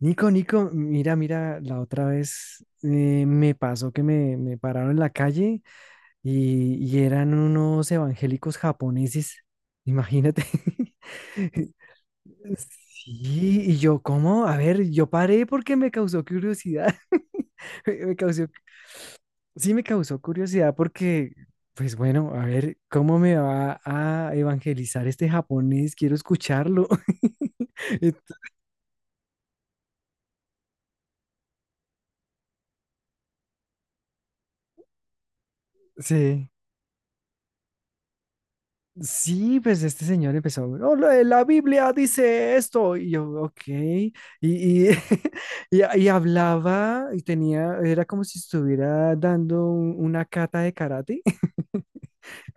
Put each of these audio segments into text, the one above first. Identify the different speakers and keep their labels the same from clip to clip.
Speaker 1: Nico, Nico, mira, mira, la otra vez me pasó que me pararon en la calle y eran unos evangélicos japoneses, imagínate. Sí, y yo, ¿cómo? A ver, yo paré porque me causó curiosidad. Me causó, sí me causó curiosidad porque, pues bueno, a ver, ¿cómo me va a evangelizar este japonés? Quiero escucharlo. Ent- Sí. Sí, pues este señor empezó, "Oh, la, la Biblia dice esto", y yo, ok, y, y hablaba y tenía, era como si estuviera dando una cata de karate,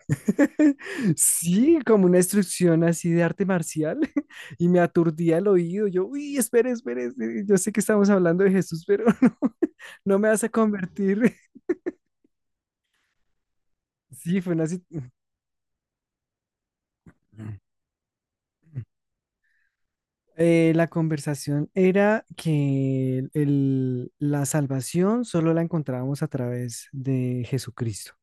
Speaker 1: sí, como una instrucción así de arte marcial. Y me aturdía el oído, yo, uy, espere, espere, espere, yo sé que estamos hablando de Jesús, pero no, no me vas a convertir. Sí, fue una situación. La conversación era que la salvación solo la encontrábamos a través de Jesucristo.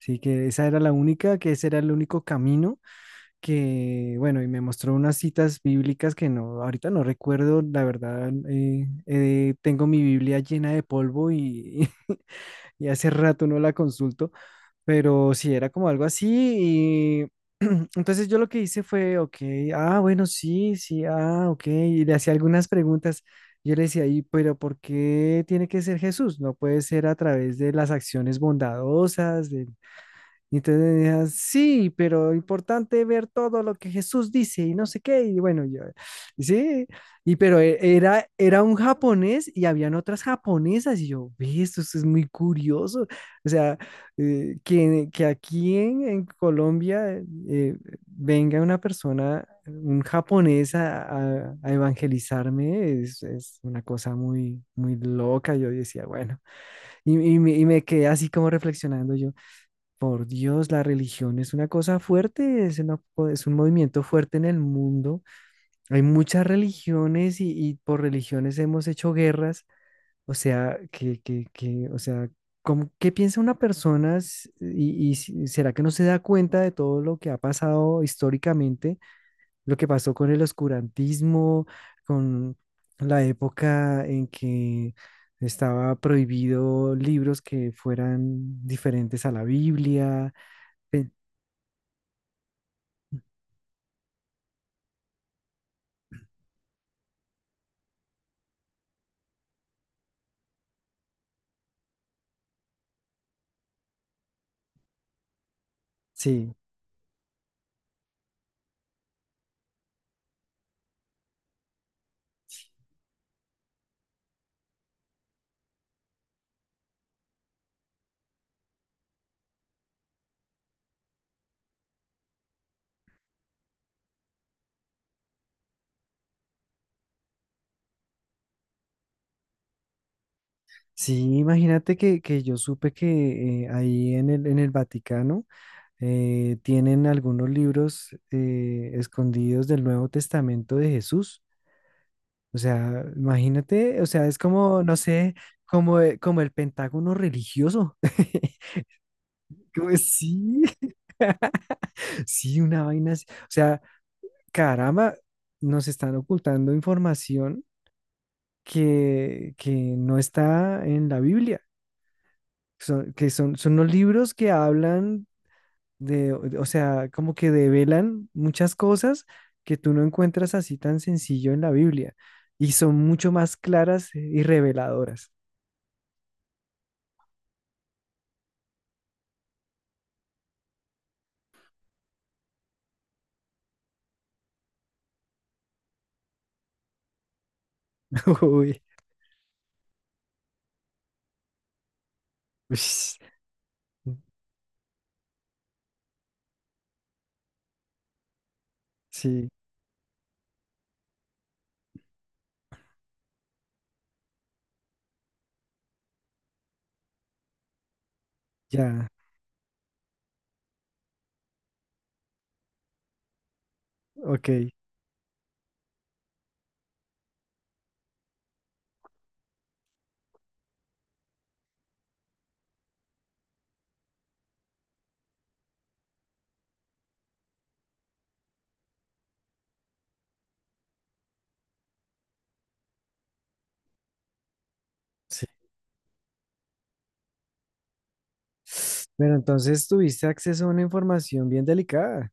Speaker 1: Así que esa era la única, que ese era el único camino que, bueno, y me mostró unas citas bíblicas que no, ahorita no recuerdo, la verdad, tengo mi Biblia llena de polvo y y hace rato no la consulto, pero sí, era como algo así. Y entonces yo lo que hice fue, ok, ah, bueno, sí, sí, ah, ok, y le hacía algunas preguntas. Yo le decía, ¿y pero por qué tiene que ser Jesús? No puede ser a través de las acciones bondadosas, de... Y entonces decía sí, pero importante ver todo lo que Jesús dice y no sé qué. Y bueno, yo, sí, y pero era, era un japonés y habían otras japonesas. Y yo, ve, esto es muy curioso. O sea, que aquí en Colombia eh, venga una persona, un japonés a, a evangelizarme, es una cosa muy, muy loca. Yo decía, bueno, y me quedé así como reflexionando yo. Por Dios, la religión es una cosa fuerte, es, una es un movimiento fuerte en el mundo. Hay muchas religiones y por religiones hemos hecho guerras. O sea, o sea, ¿qué piensa una persona será que no se da cuenta de todo lo que ha pasado históricamente? Lo que pasó con el oscurantismo, con la época en que estaba prohibido libros que fueran diferentes a la Biblia. Sí, sí, imagínate que yo supe que ahí en en el Vaticano tienen algunos libros escondidos del Nuevo Testamento de Jesús. O sea, imagínate, o sea, es como, no sé, como, como el Pentágono religioso. Como, sí, sí, una vaina así. O sea, caramba, nos están ocultando información que no está en la Biblia. Son, que son, son los libros que hablan de, o sea, como que develan muchas cosas que tú no encuentras así tan sencillo en la Biblia y son mucho más claras y reveladoras. Uy, ush, sí, ya, ok, sí. Pero entonces tuviste acceso a una información bien delicada.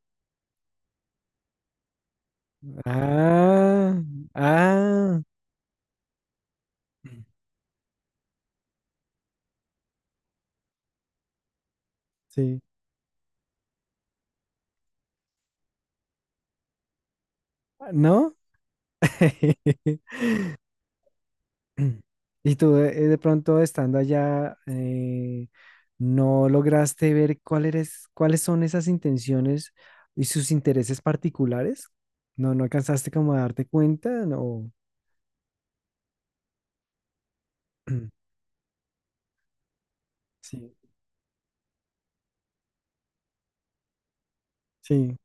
Speaker 1: Ah, ah, sí. ¿No? Y tú de pronto estando allá, no lograste ver cuáles son esas intenciones y sus intereses particulares. No, no alcanzaste como a darte cuenta, no. Sí, sí,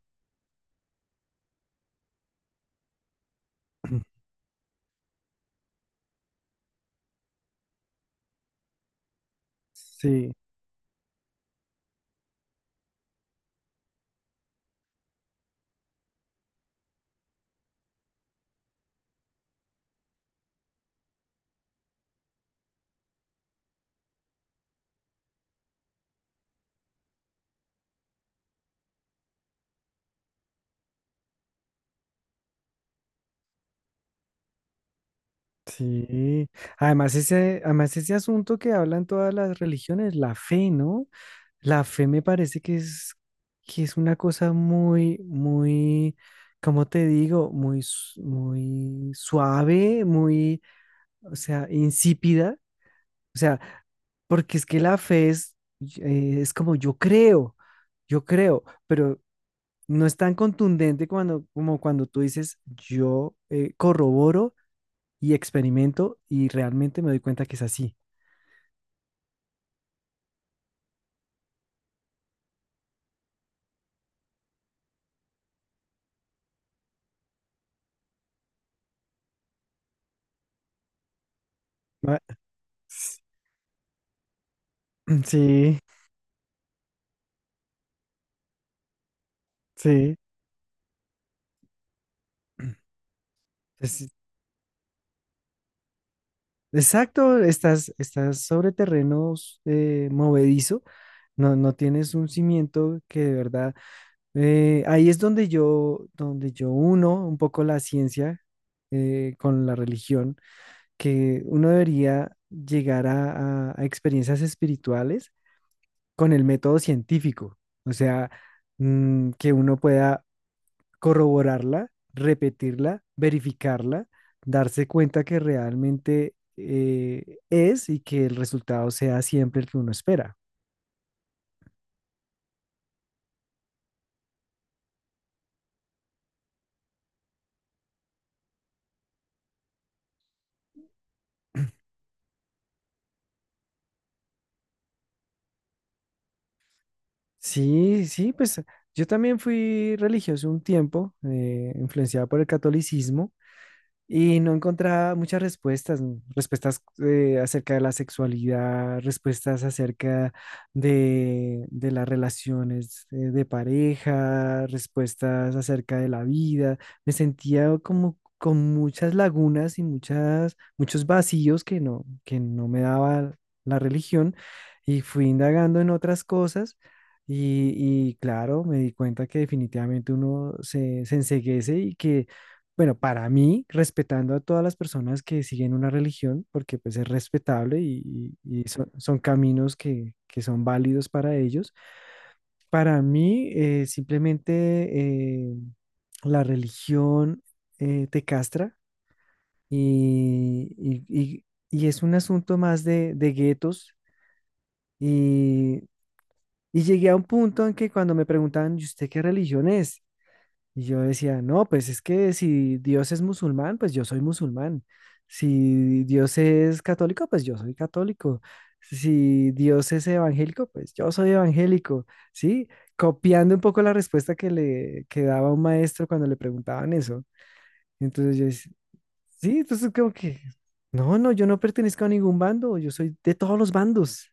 Speaker 1: sí. Sí, además ese asunto que hablan todas las religiones, la fe, ¿no? La fe me parece que es una cosa muy, muy, ¿cómo te digo? Muy, muy suave, muy, o sea, insípida. O sea, porque es que la fe es como yo creo, pero no es tan contundente como cuando tú dices yo corroboro y experimento y realmente me doy cuenta que es así. Ma- Sí, sí. Es- exacto, estás, estás sobre terrenos movedizo, no, no tienes un cimiento que de verdad, ahí es donde yo uno un poco la ciencia con la religión, que uno debería llegar a, a experiencias espirituales con el método científico, o sea, mm, que uno pueda corroborarla, repetirla, verificarla, darse cuenta que realmente es y que el resultado sea siempre el que uno espera. Sí, sí, pues yo también fui religioso un tiempo, influenciado por el catolicismo. Y no encontraba muchas respuestas, mm, respuestas acerca de la sexualidad, respuestas acerca de las relaciones de pareja, respuestas acerca de la vida. Me sentía como con muchas lagunas y muchas, muchos vacíos que no me daba la religión y fui indagando en otras cosas. Y claro, me di cuenta que definitivamente uno se, se enceguece y que bueno, para mí, respetando a todas las personas que siguen una religión, porque pues es respetable y, y son, son caminos que son válidos para ellos, para mí simplemente eh, la religión te castra y, y es un asunto más de guetos y, y llegué a un punto en que cuando me preguntaban, ¿y usted qué religión es? Y yo decía, no, pues es que si Dios es musulmán, pues yo soy musulmán. Si Dios es católico, pues yo soy católico. Si Dios es evangélico, pues yo soy evangélico. ¿Sí? Copiando un poco la respuesta que le que daba un maestro cuando le preguntaban eso. Entonces yo decía, sí, entonces como que, no, no, yo no pertenezco a ningún bando, yo soy de todos los bandos.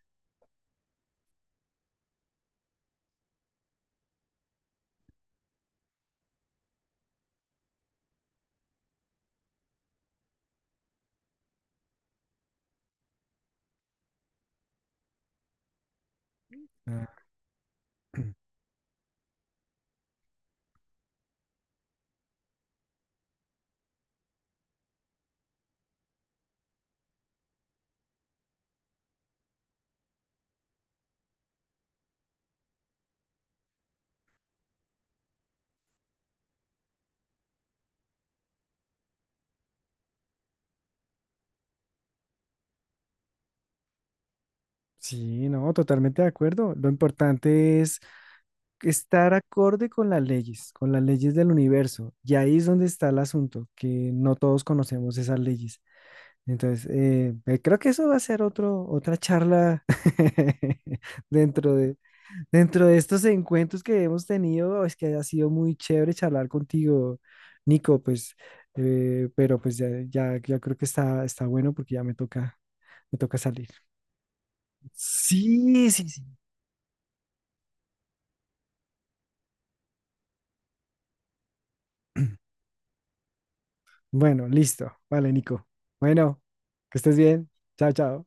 Speaker 1: Ah, sí, no, totalmente de acuerdo. Lo importante es estar acorde con las leyes del universo. Y ahí es donde está el asunto, que no todos conocemos esas leyes. Entonces, creo que eso va a ser otro, otra charla dentro de, dentro de estos encuentros que hemos tenido. Es que ha sido muy chévere charlar contigo, Nico, pues, pero pues ya creo que está, está bueno porque ya me toca salir. Sí, sí, sí. Bueno, listo. Vale, Nico. Bueno, que estés bien. Chao, chao.